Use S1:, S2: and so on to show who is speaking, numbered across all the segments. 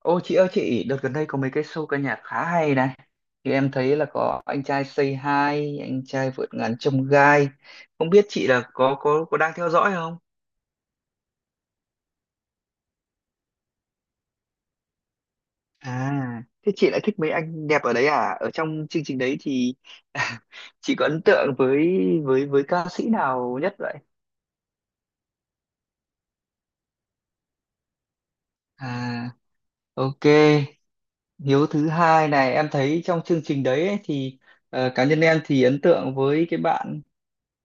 S1: Ô chị ơi chị, đợt gần đây có mấy cái show ca nhạc khá hay này. Thì em thấy là có anh trai Say Hi, anh trai vượt ngàn chông gai. Không biết chị là có đang theo dõi không? À, thế chị lại thích mấy anh đẹp ở đấy à? Ở trong chương trình đấy thì chị có ấn tượng với với ca sĩ nào nhất vậy? À, ok. Hiếu thứ hai này em thấy trong chương trình đấy ấy, thì cá nhân em thì ấn tượng với cái bạn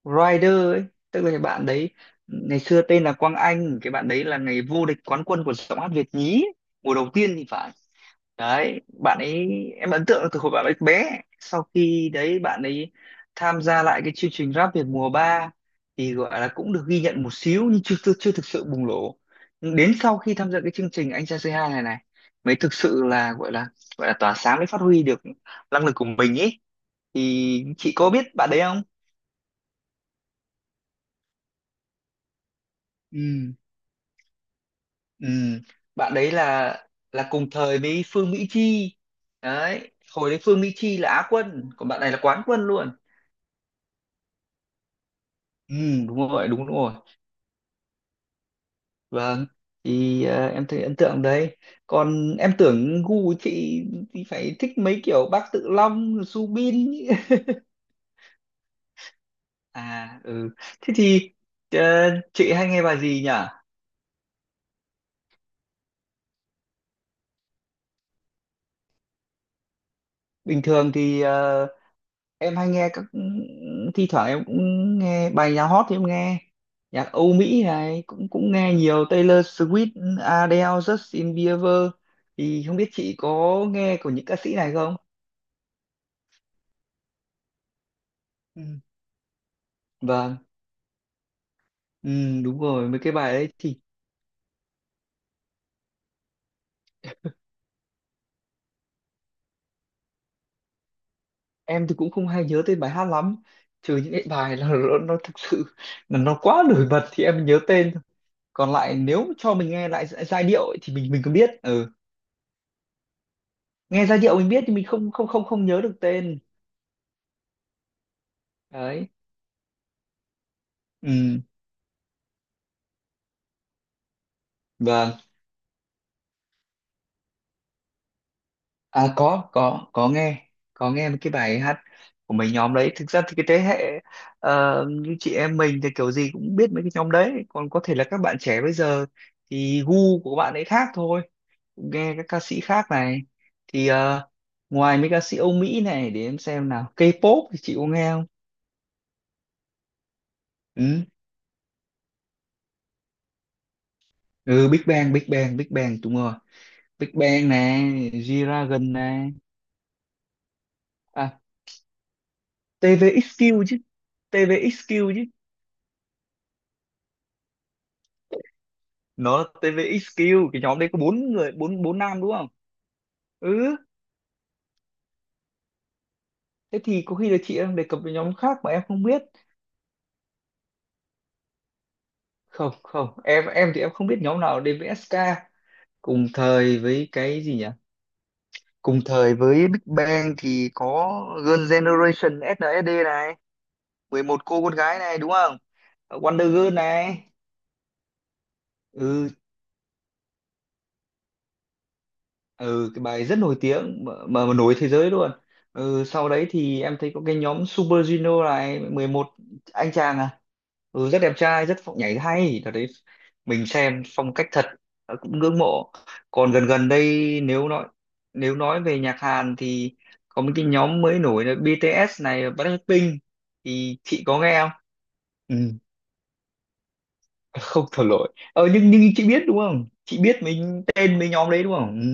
S1: Rider ấy, tức là cái bạn đấy ngày xưa tên là Quang Anh. Cái bạn đấy là ngày vô địch quán quân của giọng hát Việt nhí mùa đầu tiên thì phải. Đấy, bạn ấy em ấn tượng từ hồi bạn ấy bé. Sau khi đấy bạn ấy tham gia lại cái chương trình Rap Việt mùa 3 thì gọi là cũng được ghi nhận một xíu nhưng chưa chưa, chưa thực sự bùng nổ. Nhưng đến sau khi tham gia cái chương trình Anh Trai Say Hi này này mới thực sự là gọi là gọi là tỏa sáng, mới phát huy được năng lực của mình ấy. Thì chị có biết bạn đấy không? Ừ. Ừ, bạn đấy là cùng thời với Phương Mỹ Chi đấy. Hồi đấy Phương Mỹ Chi là á quân còn bạn này là quán quân luôn. Ừ, đúng rồi. Vâng, thì em thấy ấn tượng đấy. Còn em tưởng gu của chị thì phải thích mấy kiểu Bác Tự Long, Subin. À ừ, thế thì ờ, chị hay nghe bài gì nhỉ? Bình thường thì em hay nghe các thi thoảng em cũng nghe bài nhạc hot thì em nghe nhạc Âu Mỹ này, cũng cũng nghe nhiều Taylor Swift, Adele, Justin Bieber, thì không biết chị có nghe của những ca sĩ này không? Ừ. Vâng, ừ, đúng rồi mấy cái bài đấy thì em thì cũng không hay nhớ tên bài hát lắm, trừ những cái bài là nó thực sự là nó quá nổi bật thì em nhớ tên thôi. Còn lại nếu cho mình nghe lại giai điệu ấy, thì mình cũng biết, ừ. Nghe giai điệu mình biết thì mình không không không không nhớ được tên. Đấy, ừ. Vâng, à có có nghe mấy cái bài hát của mấy nhóm đấy. Thực ra thì cái thế hệ như chị em mình thì kiểu gì cũng biết mấy cái nhóm đấy, còn có thể là các bạn trẻ bây giờ thì gu của các bạn ấy khác thôi, nghe các ca sĩ khác này. Thì ngoài mấy ca sĩ Âu Mỹ này, để em xem nào, K-pop thì chị có nghe không? Ừ, ừ Big Bang đúng rồi. Big Bang này, G-Dragon này, à TVXQ chứ, TVXQ chứ. Nó TVXQ, cái nhóm đấy có bốn người, bốn bốn nam đúng không? Ừ, thế thì có khi là chị đang đề cập với nhóm khác mà em không biết. Không không em em thì em không biết nhóm nào DVSK. Cùng thời với cái gì nhỉ? Cùng thời với Big Bang thì có Girl Generation SNSD này, 11 cô con gái này đúng không? Ờ, Wonder Girl này. Ừ, ừ cái bài rất nổi tiếng mà, mà nổi thế giới luôn. Ừ sau đấy thì em thấy có cái nhóm Super Junior này, 11 anh chàng à. Ừ, rất đẹp trai, rất phong nhảy hay. Đợt đấy mình xem phong cách thật, ờ, cũng ngưỡng mộ. Còn gần gần đây nếu nói, nếu nói về nhạc Hàn thì có một cái nhóm mới nổi là BTS này, Blackpink, thì chị có nghe không? Ừ, không thổ lỗi. Ờ, nhưng chị biết đúng không, chị biết mình tên mấy nhóm đấy đúng không? Ừ.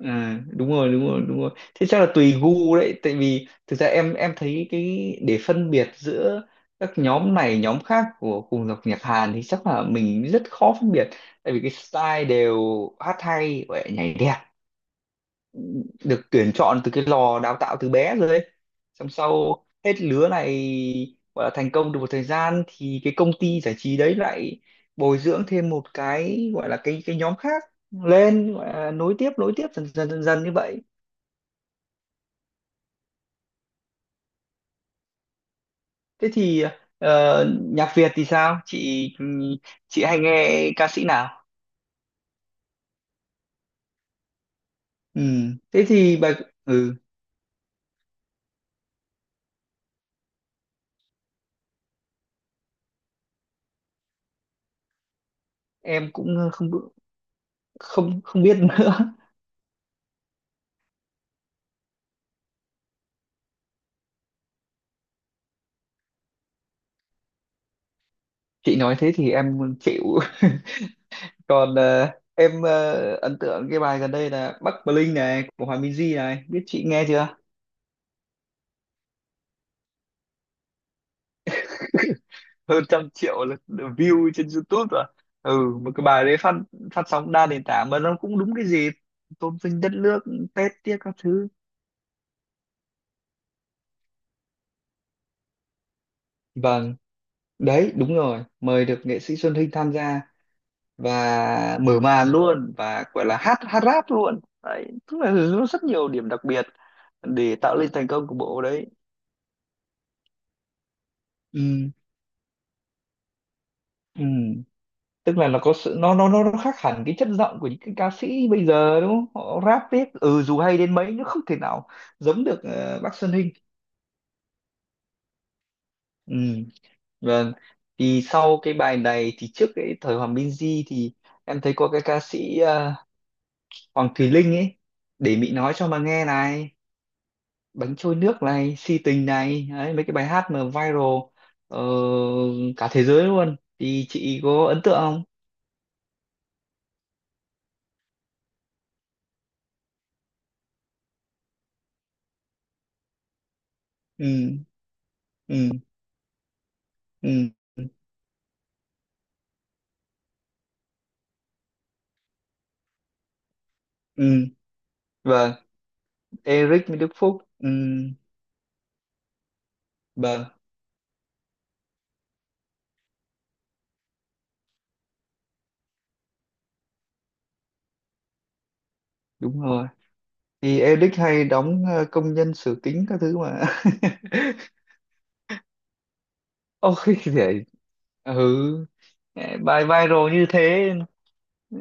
S1: À, đúng rồi, thế chắc là tùy gu đấy. Tại vì thực ra em thấy cái để phân biệt giữa các nhóm này nhóm khác của cùng dòng nhạc Hàn thì chắc là mình rất khó phân biệt, tại vì cái style đều hát hay và nhảy đẹp, được tuyển chọn từ cái lò đào tạo từ bé rồi ấy. Xong sau hết lứa này gọi là thành công được một thời gian thì cái công ty giải trí đấy lại bồi dưỡng thêm một cái gọi là cái nhóm khác lên, gọi là nối tiếp, nối tiếp dần dần như vậy. Thế thì nhạc Việt thì sao? Chị hay nghe ca sĩ nào? Ừ. Thế thì bài, ừ em cũng không không không biết nữa. Chị nói thế thì em chịu. Còn em ấn tượng cái bài gần đây là Bắc Bling này của Hòa Minzy này, biết chị nghe chưa? Hơn trăm triệu lượt view trên YouTube rồi. Ừ, một cái bài đấy phát, phát sóng đa nền tảng mà nó cũng đúng cái gì, tôn vinh đất nước, Tết tiếc các thứ. Vâng. Đấy, đúng rồi, mời được nghệ sĩ Xuân Hinh tham gia và mở màn luôn và gọi là hát, hát rap luôn đấy, tức là nó rất nhiều điểm đặc biệt để tạo lên thành công của bộ đấy. ừ, ừ. Tức là nó có sự, nó khác hẳn cái chất giọng của những cái ca sĩ bây giờ đúng không, họ rap viết ừ dù hay đến mấy nó không thể nào giống được bác Xuân Hinh. Ừ. Vâng, thì sau cái bài này thì trước cái thời Hoàng Minh Di thì em thấy có cái ca sĩ Hoàng Thùy Linh ấy, để Mị nói cho mà nghe này, bánh trôi nước này, si tình này, đấy, mấy cái bài hát mà viral ờ, cả thế giới luôn, thì chị có ấn tượng không? Ừ ừ ừ ừ, vâng. Eric Đức Phúc, ừ, vâng đúng rồi, thì Eric hay đóng công nhân sửa kính các thứ mà. Ôi để, ừ, bài viral như thế. Ừ,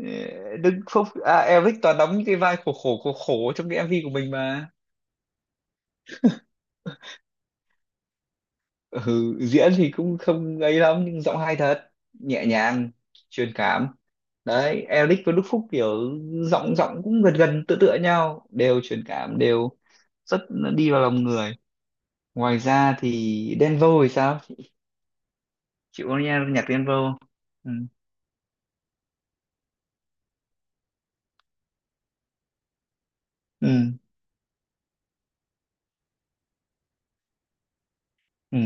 S1: Đức Phúc à, Eric toàn đóng những cái vai khổ khổ khổ khổ trong cái MV của mình mà. Ừ, diễn thì cũng không ấy lắm nhưng giọng hay thật, nhẹ nhàng, truyền cảm. Đấy, Eric và Đức Phúc kiểu giọng giọng cũng gần gần tựa tựa nhau, đều truyền cảm, đều rất đi vào lòng người. Ngoài ra thì Denvo thì sao, chị có nghe nhạc Denvo? Ừ. Ừ. Ừ.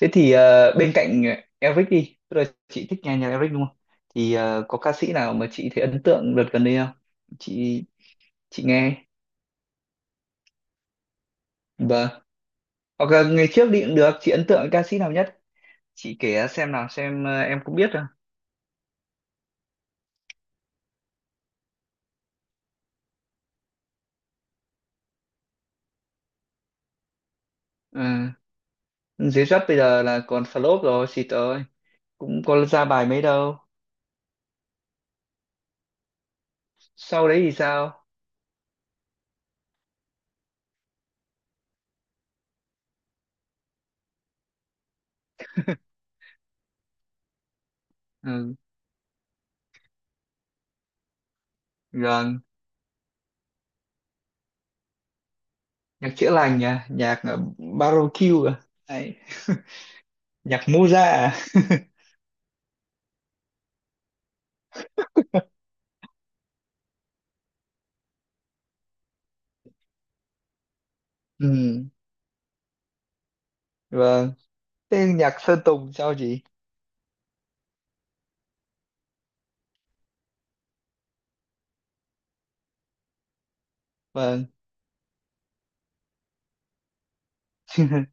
S1: Thế thì bên cạnh Eric đi, tức là chị thích nghe nhạc Eric đúng không? Thì có ca sĩ nào mà chị thấy ấn tượng đợt gần đây không? Chị nghe. Vâng. Hoặc là ngày trước đi cũng được, chị ấn tượng ca sĩ nào nhất? Chị kể xem nào xem, em cũng biết rồi. Ừ. Dưới rap bây giờ là còn flop rồi, xịt ơi. Cũng có ra bài mấy đâu. Sau đấy thì sao? Ừ. Gần. Nhạc chữa lành à, nhạc barbecue à. Đấy. Nhạc Moza à. Ừ. Vâng. Thế nhạc Sơn Tùng sao chị? Vâng,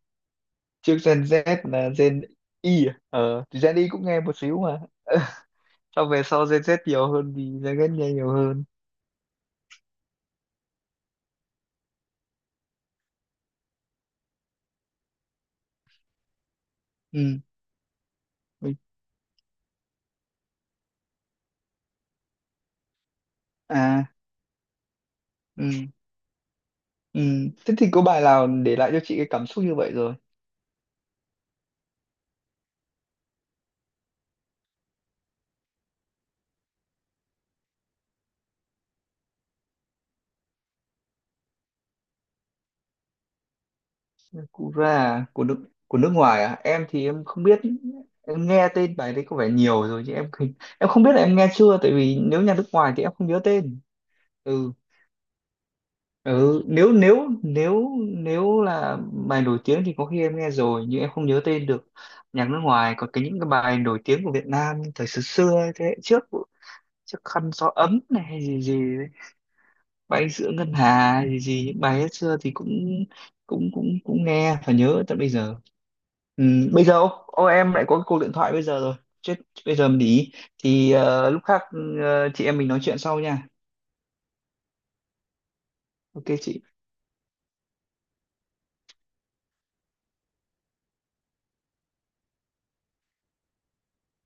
S1: trước Gen Z là Gen Y à? Ờ, thì Gen Y cũng nghe một xíu mà. Sau về sau Gen Z nhiều hơn vì Gen Z nghe nhiều hơn. Ừ, mình- à, ừ, ừ. Thế thì có bài nào để lại cho chị cái cảm xúc như vậy rồi? Cú ra à? Của nước, của nước ngoài à? Em thì em không biết, em nghe tên bài đấy có vẻ nhiều rồi chứ em không biết là em nghe chưa, tại vì nếu nhà nước ngoài thì em không nhớ tên. Ừ. Ừ nếu nếu nếu nếu là bài nổi tiếng thì có khi em nghe rồi nhưng em không nhớ tên được. Nhạc nước ngoài, còn cái những cái bài nổi tiếng của Việt Nam thời xưa xưa ấy, thế hệ trước, trước khăn gió ấm này hay gì gì ấy, bay giữa ngân hà hay gì gì, những bài hết xưa thì cũng cũng cũng cũng nghe và nhớ tận bây giờ. Ừ, bây giờ ô, ô, em lại có cái cuộc điện thoại bây giờ rồi. Chết, bây giờ mình đi, thì lúc khác chị em mình nói chuyện sau nha. Ok chị.